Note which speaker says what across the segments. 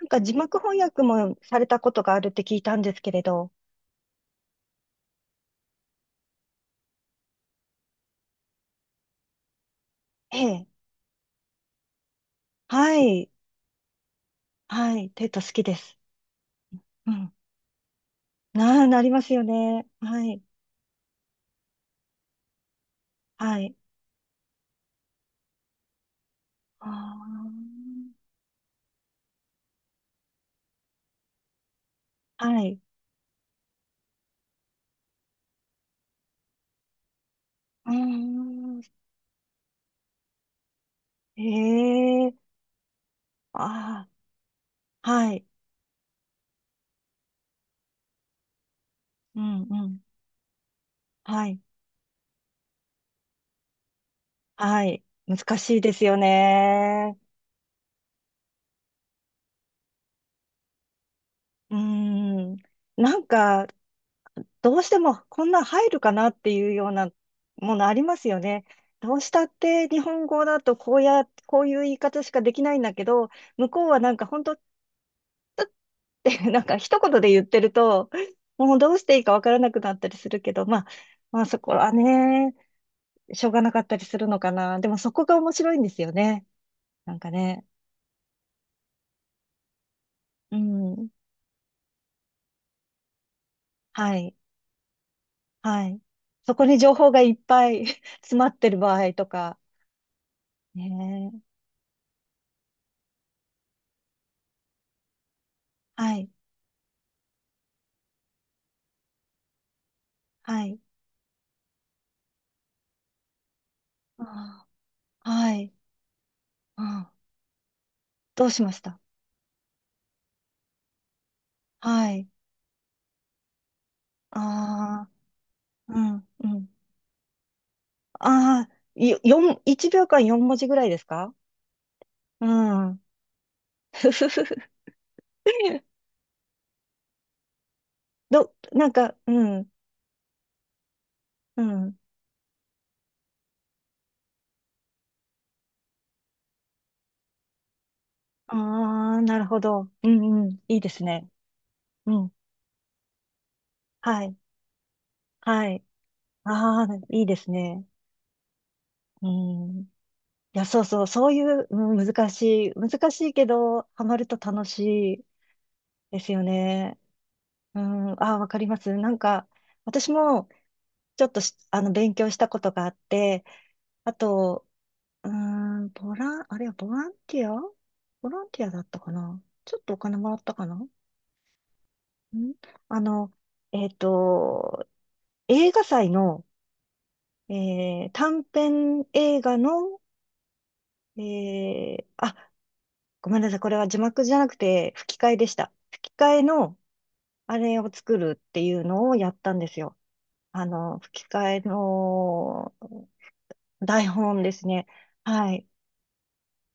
Speaker 1: なんか字幕翻訳もされたことがあるって聞いたんですけれど。ええ。はい。はい。テッド好きです。うん。なあ、なりますよね。はい。はい。ああ。はい。うーん。ええ。ああ。はい。うん、うん。はい。はい。難しいですよね。うーん。なんか、どうしてもこんなん入るかなっていうようなものありますよね。どうしたって日本語だとこうや、こういう言い方しかできないんだけど、向こうはなんか本当って なんか一言で言ってると、もうどうしていいかわからなくなったりするけど、まあ、そこはね、しょうがなかったりするのかな。でもそこが面白いんですよね。なんかね。うん。はい。はい。そこに情報がいっぱい 詰まってる場合とか。ね。はい。はい。あー、はい。うん。どうしました。はい。ああ、うん、うん。ああ、よ四、1秒間4文字ぐらいですか。うん。ふふふふ、ど、なんか、うん、うん。ああ、なるほど。うん、うん。いいですね。うん。はい。はい。ああ、いいですね。うん。いや、そうそう、そういう、うん、難しい、難しいけど、ハマると楽しいですよね。うん。ああ、わかります。なんか、私も、ちょっとしあの、勉強したことがあって、あと、うーん、ボラン、あれはボランティアだったかなちょっとお金もらったかなん、あの、えっと、映画祭の、短編映画の、えー、あ、ごめんなさい。これは字幕じゃなくて吹き替えでした。吹き替えのあれを作るっていうのをやったんですよ。あの、吹き替えの台本ですね。はい。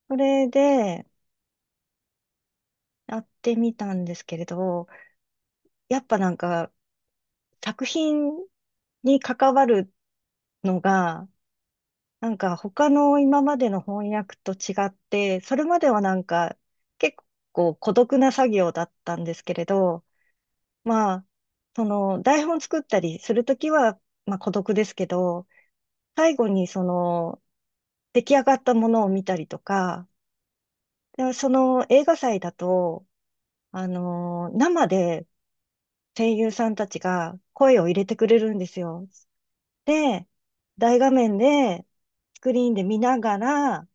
Speaker 1: それでやってみたんですけれど、やっぱなんか作品に関わるのが、なんか他の今までの翻訳と違って、それまではなんか結構孤独な作業だったんですけれど、まあ、その台本作ったりするときは、まあ孤独ですけど、最後にその出来上がったものを見たりとか、でその映画祭だと、あの、生で声優さんたちが声を入れてくれるんですよ。で、大画面で、スクリーンで見ながら、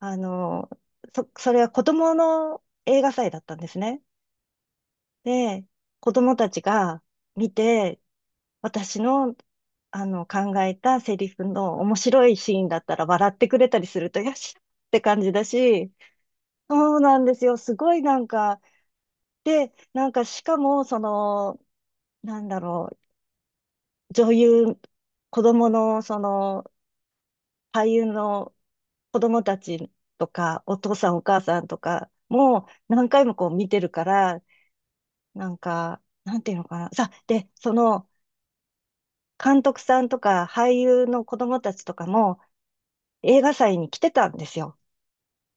Speaker 1: あの、そ、それは子供の映画祭だったんですね。で、子供たちが見て、私の、あの、考えたセリフの面白いシーンだったら笑ってくれたりすると、よしって感じだし、そうなんですよ。すごいなんか、で、なんかしかも、その、なんだろう、女優、子供の、その、俳優の子供たちとか、お父さんお母さんとかも何回もこう見てるから、なんか、なんていうのかな。さ、で、その、監督さんとか俳優の子供たちとかも映画祭に来てたんですよ。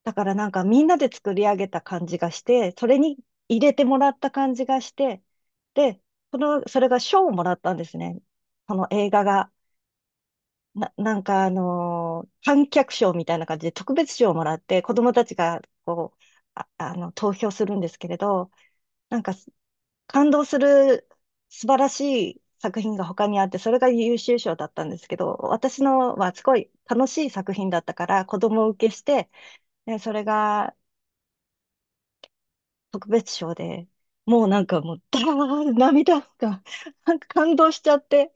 Speaker 1: だからなんかみんなで作り上げた感じがして、それに入れてもらった感じがして、で、その、それが賞をもらったんですね。この映画が。な、なんかあの観客賞みたいな感じで特別賞をもらって子供たちがこう、あ、あの、投票するんですけれど、なんかす、感動する素晴らしい作品が他にあって、それが優秀賞だったんですけど、私のはすごい楽しい作品だったから子供受けして、でそれが特別賞で、もうなんかもう、だー、涙が、なんか感動しちゃって、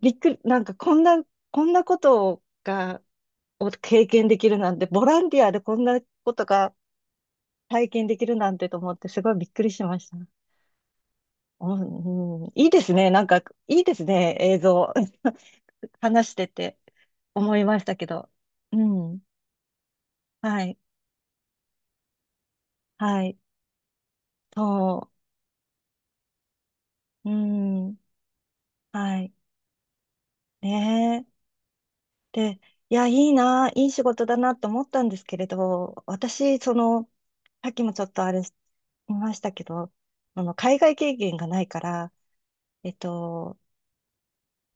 Speaker 1: びっくり、なんかこんな、こんなことが、を経験できるなんて、ボランティアでこんなことが体験できるなんてと思って、すごいびっくりしました。うん、うん、いいですね。なんか、いいですね。映像。話してて思いましたけど。うん。はい。はい。そう。うん。はい。ねえ。で、いや、いいな、いい仕事だなと思ったんですけれど、私、その、さっきもちょっとあれ、言いましたけど、あの、海外経験がないから、えっと、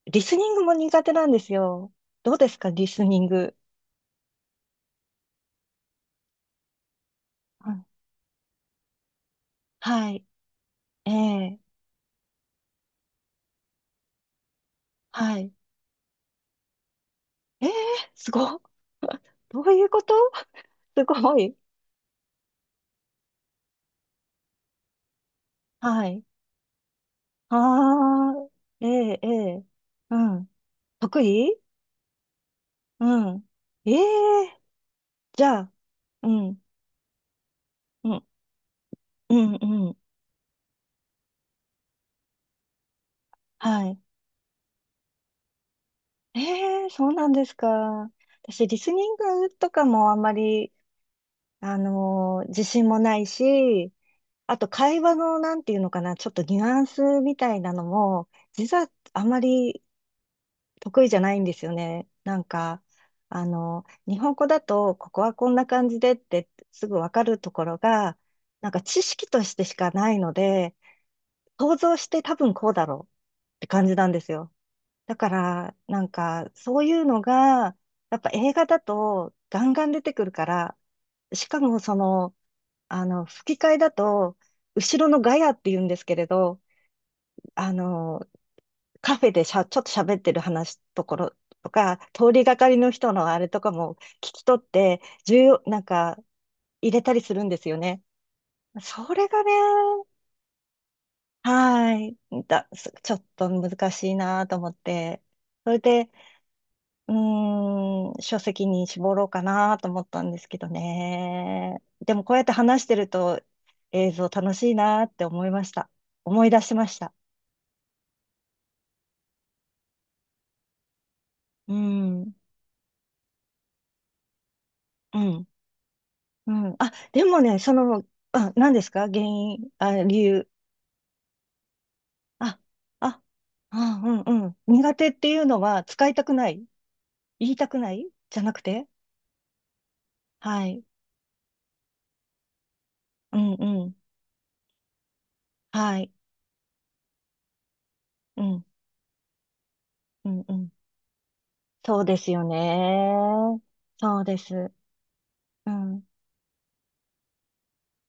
Speaker 1: リスニングも苦手なんですよ。どうですか、リスニング。うん、はい。ええ、はい。ええ、すごっ。どういうこと、すごい。はい。ああ、ええええ、うん。得意、うん。ええ、じゃあ、うん、うん、うん、うん。はい。ええ、そうなんですか。私、リスニングとかもあんまり、あの自信もないし、あと会話のなんていうのかな、ちょっとニュアンスみたいなのも、実はあまり得意じゃないんですよね。なんか、あの、日本語だと、ここはこんな感じでってすぐわかるところが、なんか知識としてしかないので、想像して多分こうだろうって感じなんですよ。だから、なんか、そういうのが、やっぱ映画だとガンガン出てくるから、しかもその、あの、吹き替えだと、後ろのガヤって言うんですけれど、あの、カフェでしゃ、ちょっと喋ってる話ところとか、通りがかりの人のあれとかも聞き取って、重要、なんか入れたりするんですよね。それがね、はい、だ、す、ちょっと難しいなと思って。それで、うーん、書籍に絞ろうかなと思ったんですけどね。でもこうやって話してると映像楽しいなって思いました。思い出しました。うん、うん、うん。あ、でもね、その、あ、何ですか原因、あ、理由。あ、あ、あ、うんうん。苦手っていうのは使いたくない、言いたくないじゃなくて、はい。うんうん。はい。うん、うん、うん。そうですよね。そうです。うん、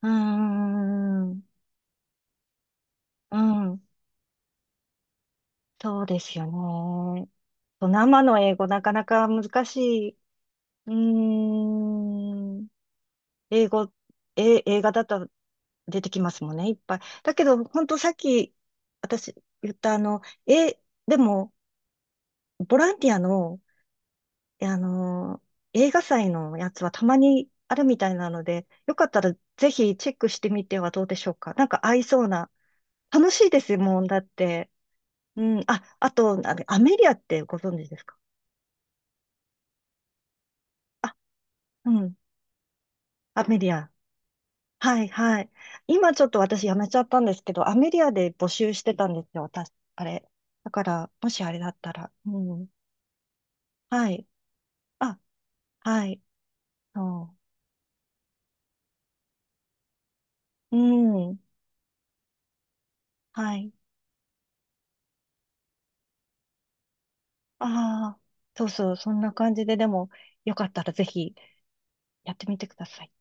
Speaker 1: うーん、うん、そうですよね。生の英語なかなか難しい。うーん、英語、え、映画だと出てきますもんね、いっぱい。だけど、本当さっき私言ったあの、え、でも、ボランティアの、あの、映画祭のやつはたまにあるみたいなので、よかったらぜひチェックしてみてはどうでしょうか。なんか合いそうな。楽しいですもん、だって。うん。あ、あと、あれアメリアってご存知ですか。あ、うん。アメリア。はい、はい。今ちょっと私やめちゃったんですけど、アメリアで募集してたんですよ、私、あれ。だから、もしあれだったら。うん。はい。あ、はい。そう。うん。はい。ああ、そうそう。そんな感じで、でも、よかったらぜひやってみてください。